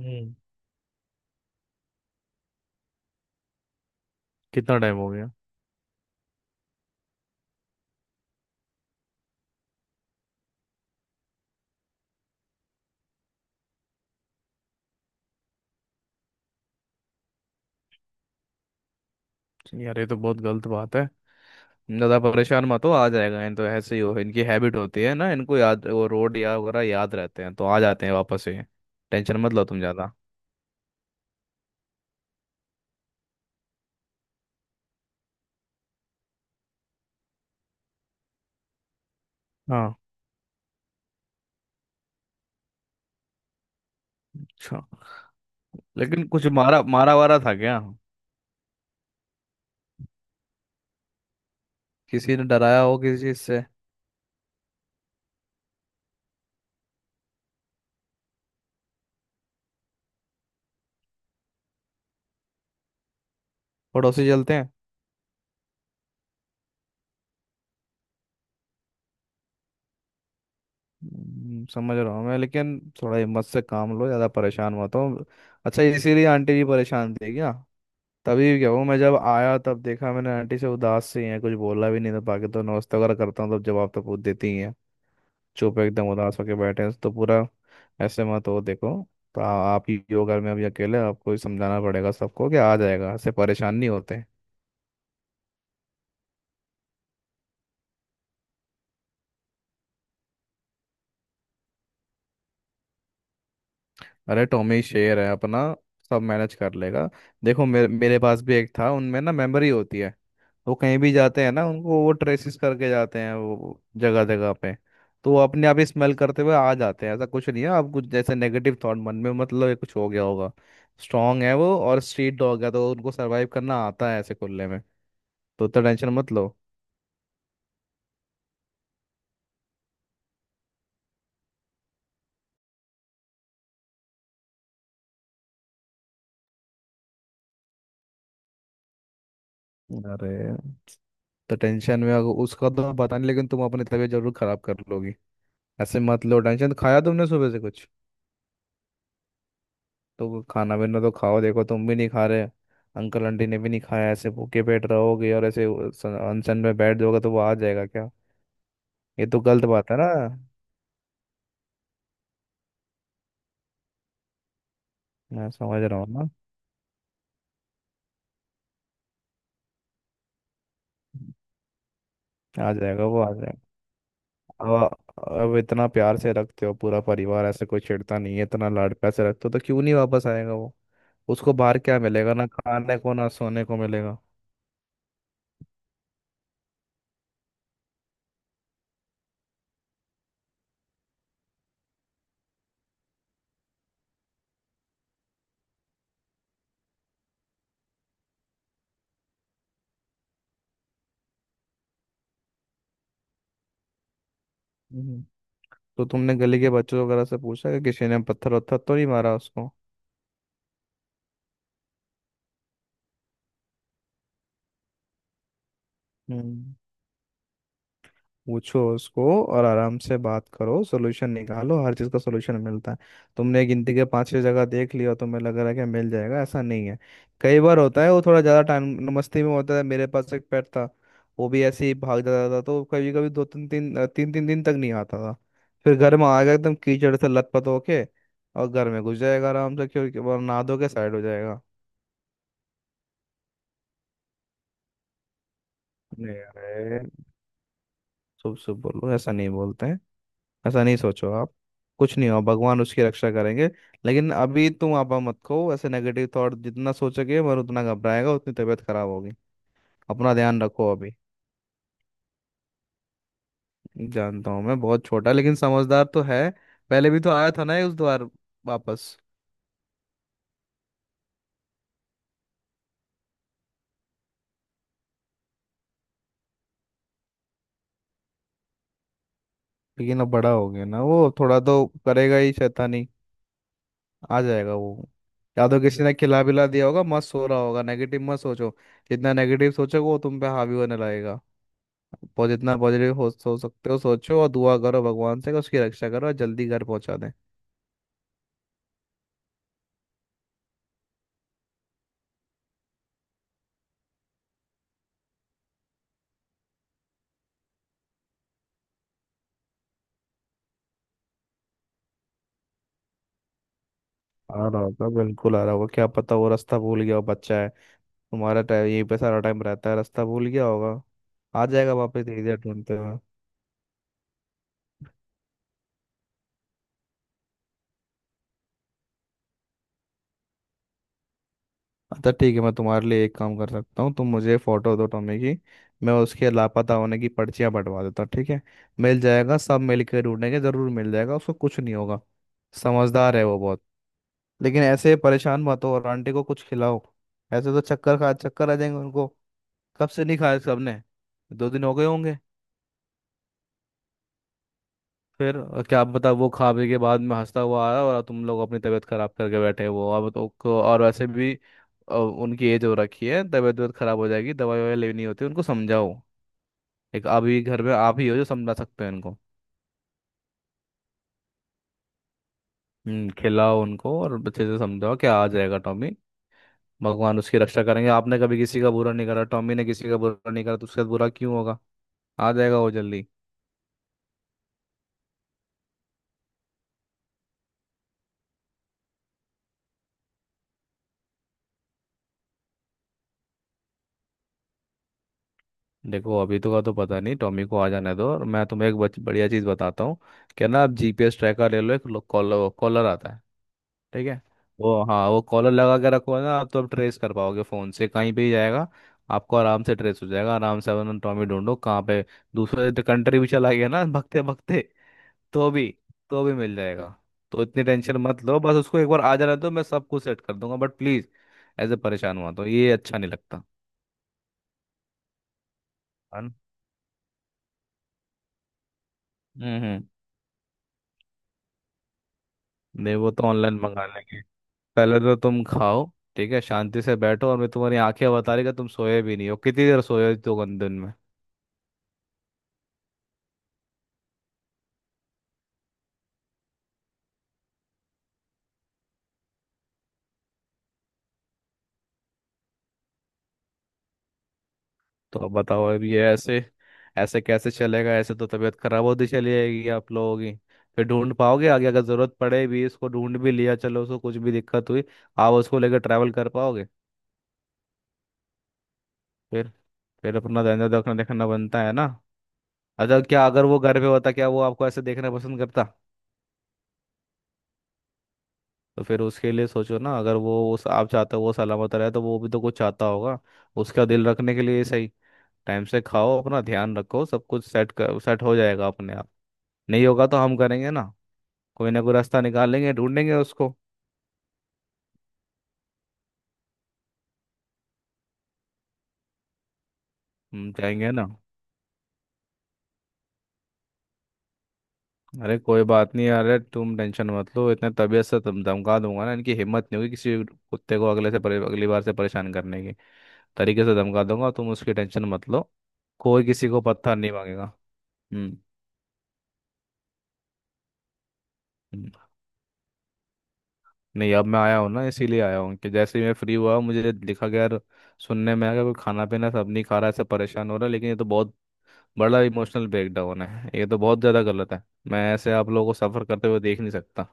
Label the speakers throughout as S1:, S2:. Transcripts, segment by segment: S1: हम्म। कितना टाइम हो गया? यार, ये तो बहुत गलत बात है। ज़्यादा परेशान मत हो, आ जाएगा। इन तो ऐसे ही हो, इनकी हैबिट होती है ना, इनको याद वो रोड या वगैरह याद रहते हैं, तो आ जाते हैं वापस ही। टेंशन मत लो तुम ज़्यादा। हाँ। अच्छा, लेकिन कुछ मारा मारा वारा था क्या? किसी ने डराया हो किसी चीज़ से? पड़ोसी चलते हैं। समझ रहा हूँ मैं, लेकिन थोड़ा हिम्मत से काम लो, ज़्यादा परेशान मत हो। अच्छा, इसीलिए आंटी जी परेशान थी क्या? तभी क्या वो, मैं जब आया तब देखा मैंने, आंटी से उदास सी है, कुछ बोला भी नहीं था, बाकी तो नमस्ते वगैरह करता हूँ तब जवाब तो पूछ देती ही है। चुप एकदम उदास होके बैठे हैं तो पूरा। ऐसे मत हो, देखो। तो आप ही योगा में अभी, अकेले आपको ही समझाना पड़ेगा सबको कि आ जाएगा, ऐसे परेशान नहीं होते। अरे टॉमी शेर है अपना। सब मैनेज कर लेगा। देखो, मेरे मेरे पास भी एक था, उनमें ना मेमोरी होती है। वो कहीं भी जाते हैं ना, उनको वो ट्रेसिस करके जाते हैं वो, जगह जगह पे। तो वो अपने आप ही स्मेल करते हुए आ जाते हैं, ऐसा कुछ नहीं है। आप कुछ जैसे नेगेटिव थॉट मन में, मतलब ये कुछ हो गया होगा। स्ट्रांग है वो, और स्ट्रीट डॉग है तो उनको सरवाइव करना आता है ऐसे खुले में। तो उतना टेंशन मत लो। अरे, तो टेंशन में उसका तो पता नहीं, लेकिन तुम अपनी तबीयत जरूर खराब कर लोगी। ऐसे मत लो टेंशन। खाया तुमने सुबह से कुछ? तो खाना पीना तो खाओ, देखो तुम भी नहीं खा रहे। अंकल आंटी ने भी नहीं खाया, ऐसे भूखे पेट रहोगे और ऐसे अनशन में बैठ जाओगे तो वो आ जाएगा क्या? ये तो गलत बात है ना। मैं समझ रहा हूँ ना। आ जाएगा वो, आ जाएगा। अब अब इतना प्यार से रखते हो, पूरा परिवार ऐसे, कोई छेड़ता नहीं है, इतना लाड प्यार से रखते हो, तो क्यों नहीं वापस आएगा वो? उसको बाहर क्या मिलेगा? ना खाने को ना सोने को मिलेगा। हम्म। तो तुमने गली के बच्चों वगैरह से पूछा कि किसी ने पत्थर वत्थर तो नहीं मारा उसको? हम्म, पूछो उसको। और आराम से बात करो, सोल्यूशन निकालो, हर चीज़ का सोल्यूशन मिलता है। तुमने गिनती के पांच छह जगह देख लिया, तुम्हें लग रहा है कि मिल जाएगा, ऐसा नहीं है। कई बार होता है वो थोड़ा ज़्यादा टाइम मस्ती में होता है। मेरे पास एक पेट था, वो भी ऐसे ही भाग जाता था तो कभी कभी दो तीन तीन तीन तीन दिन तक नहीं आता था। फिर घर में आएगा एकदम कीचड़ से लथपथ होके। और घर में घुस जाएगा आराम से, क्योंकि वो नहा धो के साइड हो जाएगा। नहीं अरे, चुप चुप बोलो, ऐसा नहीं बोलते हैं। ऐसा नहीं सोचो आप। कुछ नहीं हो, भगवान उसकी रक्षा करेंगे। लेकिन अभी तुम आपा मत खो, ऐसे नेगेटिव थॉट जितना सोचोगे, मगर उतना घबराएगा, उतनी तबीयत खराब होगी। अपना ध्यान रखो अभी। जानता हूँ मैं, बहुत छोटा, लेकिन समझदार तो है। पहले भी तो आया था ना ये उस द्वार वापस। लेकिन अब बड़ा हो गया ना, वो थोड़ा तो करेगा ही शैतानी। आ जाएगा वो। या तो किसी ने खिला पिला दिया होगा, मस्त सो रहा होगा, नेगेटिव मत सोचो। जितना नेगेटिव सोचोगे वो तुम पे हावी होने लगेगा। जितना पॉजिटिव हो सोच सकते हो सोचो, और दुआ करो भगवान से कि उसकी रक्षा करो और जल्दी घर पहुंचा दें। आ रहा होगा, बिल्कुल आ रहा होगा, क्या पता वो रास्ता भूल गया हो, बच्चा है। तुम्हारा टाइम यहीं पे सारा टाइम रहता है, रास्ता भूल गया होगा। आ जाएगा वापस धीरे धीरे ढूंढते हुए। अच्छा ठीक है, मैं तुम्हारे लिए एक काम कर सकता हूँ, तुम मुझे फोटो दो टॉमी की। मैं उसके लापता होने की पर्चियाँ बंटवा देता हूँ, ठीक है? मिल जाएगा, सब मिल के ढूंढेंगे, जरूर मिल जाएगा, उसको कुछ नहीं होगा। समझदार है वो बहुत। लेकिन ऐसे परेशान मत हो, और आंटी को कुछ खिलाओ। ऐसे तो चक्कर खा चक्कर आ जाएंगे उनको। कब से नहीं खाया सबने? दो दिन हो गए होंगे। फिर क्या बता, वो खा पी के बाद में हंसता हुआ आया, और तुम लोग अपनी तबीयत खराब करके बैठे हो। अब तो और वैसे भी उनकी एज हो रखी है, तबीयत वबीयत खराब हो जाएगी, दवाई ववाई लेनी होती है, उनको समझाओ। एक अभी घर में आप ही हो जो समझा सकते हैं उनको। खिलाओ उनको और अच्छे से समझाओ, क्या आ जाएगा टॉमी। भगवान उसकी रक्षा करेंगे। आपने कभी किसी का बुरा नहीं करा, टॉमी ने किसी का बुरा नहीं करा, तो उसके साथ बुरा क्यों होगा? आ जाएगा वो जल्दी। देखो, अभी तो का तो पता नहीं, टॉमी को आ जाने दो, और मैं तुम्हें एक बढ़िया चीज़ बताता हूँ। क्या ना, आप जीपीएस ट्रैकर ले लो एक। कॉलर कॉलर आता है। ठीक है? वो हाँ, वो कॉलर लगा के रखो ना आप, तो आप ट्रेस कर पाओगे फ़ोन से कहीं पे ही जाएगा। आपको आराम से ट्रेस हो जाएगा, आराम से अपना टॉमी ढूंढो कहाँ पे। दूसरे तो कंट्री भी चला गया ना भगते भगते, तो भी, तो भी मिल जाएगा। तो इतनी टेंशन मत लो, बस उसको एक बार आ जाने दो, मैं सब कुछ सेट कर दूंगा, बट प्लीज़ ऐसे परेशान हुआ तो ये अच्छा नहीं लगता। है ना? हम्म। नहीं, वो तो ऑनलाइन मंगा लेंगे। पहले तो तुम खाओ। ठीक है, शांति से बैठो, और मैं तुम्हारी आंखें बता रही कि तुम सोए भी नहीं हो, कितनी देर सोए हो दो दिन में? तो अब बताओ, अब ये ऐसे, ऐसे कैसे चलेगा? ऐसे तो तबीयत खराब होती चली जाएगी आप लोगों की। फिर ढूंढ पाओगे आगे, अगर जरूरत पड़े भी, इसको ढूंढ भी लिया, चलो, उसको कुछ भी दिक्कत हुई, आप उसको लेकर ट्रैवल कर पाओगे? फिर अपना धंधा देखना देखना बनता है ना। अच्छा, क्या अगर वो घर पे होता, क्या वो आपको ऐसे देखना पसंद करता? तो फिर उसके लिए सोचो ना, अगर वो उस आप चाहते हो वो सलामत रहे, तो वो भी तो कुछ चाहता होगा, उसका दिल रखने के लिए ही सही। टाइम से खाओ, अपना ध्यान रखो, सब कुछ सेट हो जाएगा अपने आप। नहीं होगा तो हम करेंगे ना, कोई ना कोई रास्ता निकालेंगे, ढूंढेंगे उसको। हम जाएंगे ना। अरे कोई बात नहीं, अरे तुम टेंशन मत लो, इतने तबीयत से तुम, धमका दूंगा ना, इनकी हिम्मत नहीं होगी किसी कुत्ते को अगली बार से परेशान करने की। तरीके से धमका दूंगा, तुम उसकी टेंशन मत लो। कोई किसी को पत्थर नहीं मांगेगा। हम्म। नहीं, अब मैं आया हूँ ना, इसीलिए आया हूँ कि जैसे ही मैं फ्री हुआ मुझे लिखा गया यार, सुनने में आया कि कोई खाना पीना सब नहीं खा रहा, ऐसे परेशान हो रहा है, लेकिन ये तो बहुत बड़ा इमोशनल ब्रेकडाउन है, ये तो बहुत ज़्यादा गलत है। मैं ऐसे आप लोगों को सफ़र करते हुए देख नहीं सकता।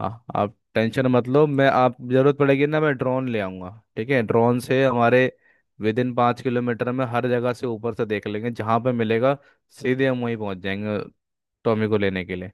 S1: हाँ, आप टेंशन मत लो, मैं आप ज़रूरत पड़ेगी ना, मैं ड्रोन ले आऊँगा। ठीक है, ड्रोन से हमारे विद इन 5 किलोमीटर में हर जगह से ऊपर से देख लेंगे, जहाँ पे मिलेगा सीधे हम वहीं पहुँच जाएंगे टॉमी को लेने के लिए।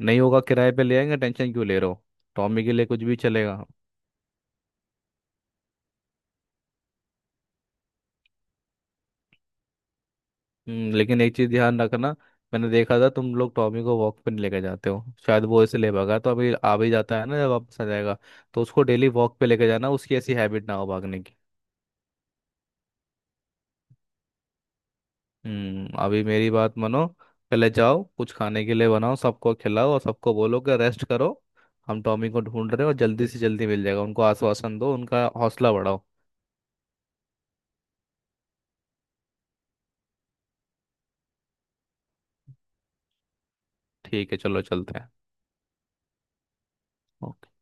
S1: नहीं होगा किराए पे ले आएंगे, टेंशन क्यों ले रहे हो, टॉमी के लिए कुछ भी चलेगा। लेकिन एक चीज ध्यान रखना, मैंने देखा था तुम लोग टॉमी को वॉक पे नहीं लेके जाते हो, शायद वो इसे ले भागा, तो अभी आ भी जाता है ना, जब वापस आ जाएगा तो उसको डेली वॉक पे लेके जाना, उसकी ऐसी हैबिट ना हो भागने की। हम्म, अभी मेरी बात मानो, पहले जाओ कुछ खाने के लिए बनाओ, सबको खिलाओ, और सबको बोलो कि रेस्ट करो, हम टॉमी को ढूंढ रहे हैं और जल्दी से जल्दी मिल जाएगा, उनको आश्वासन दो, उनका हौसला बढ़ाओ। ठीक है चलो चलते हैं।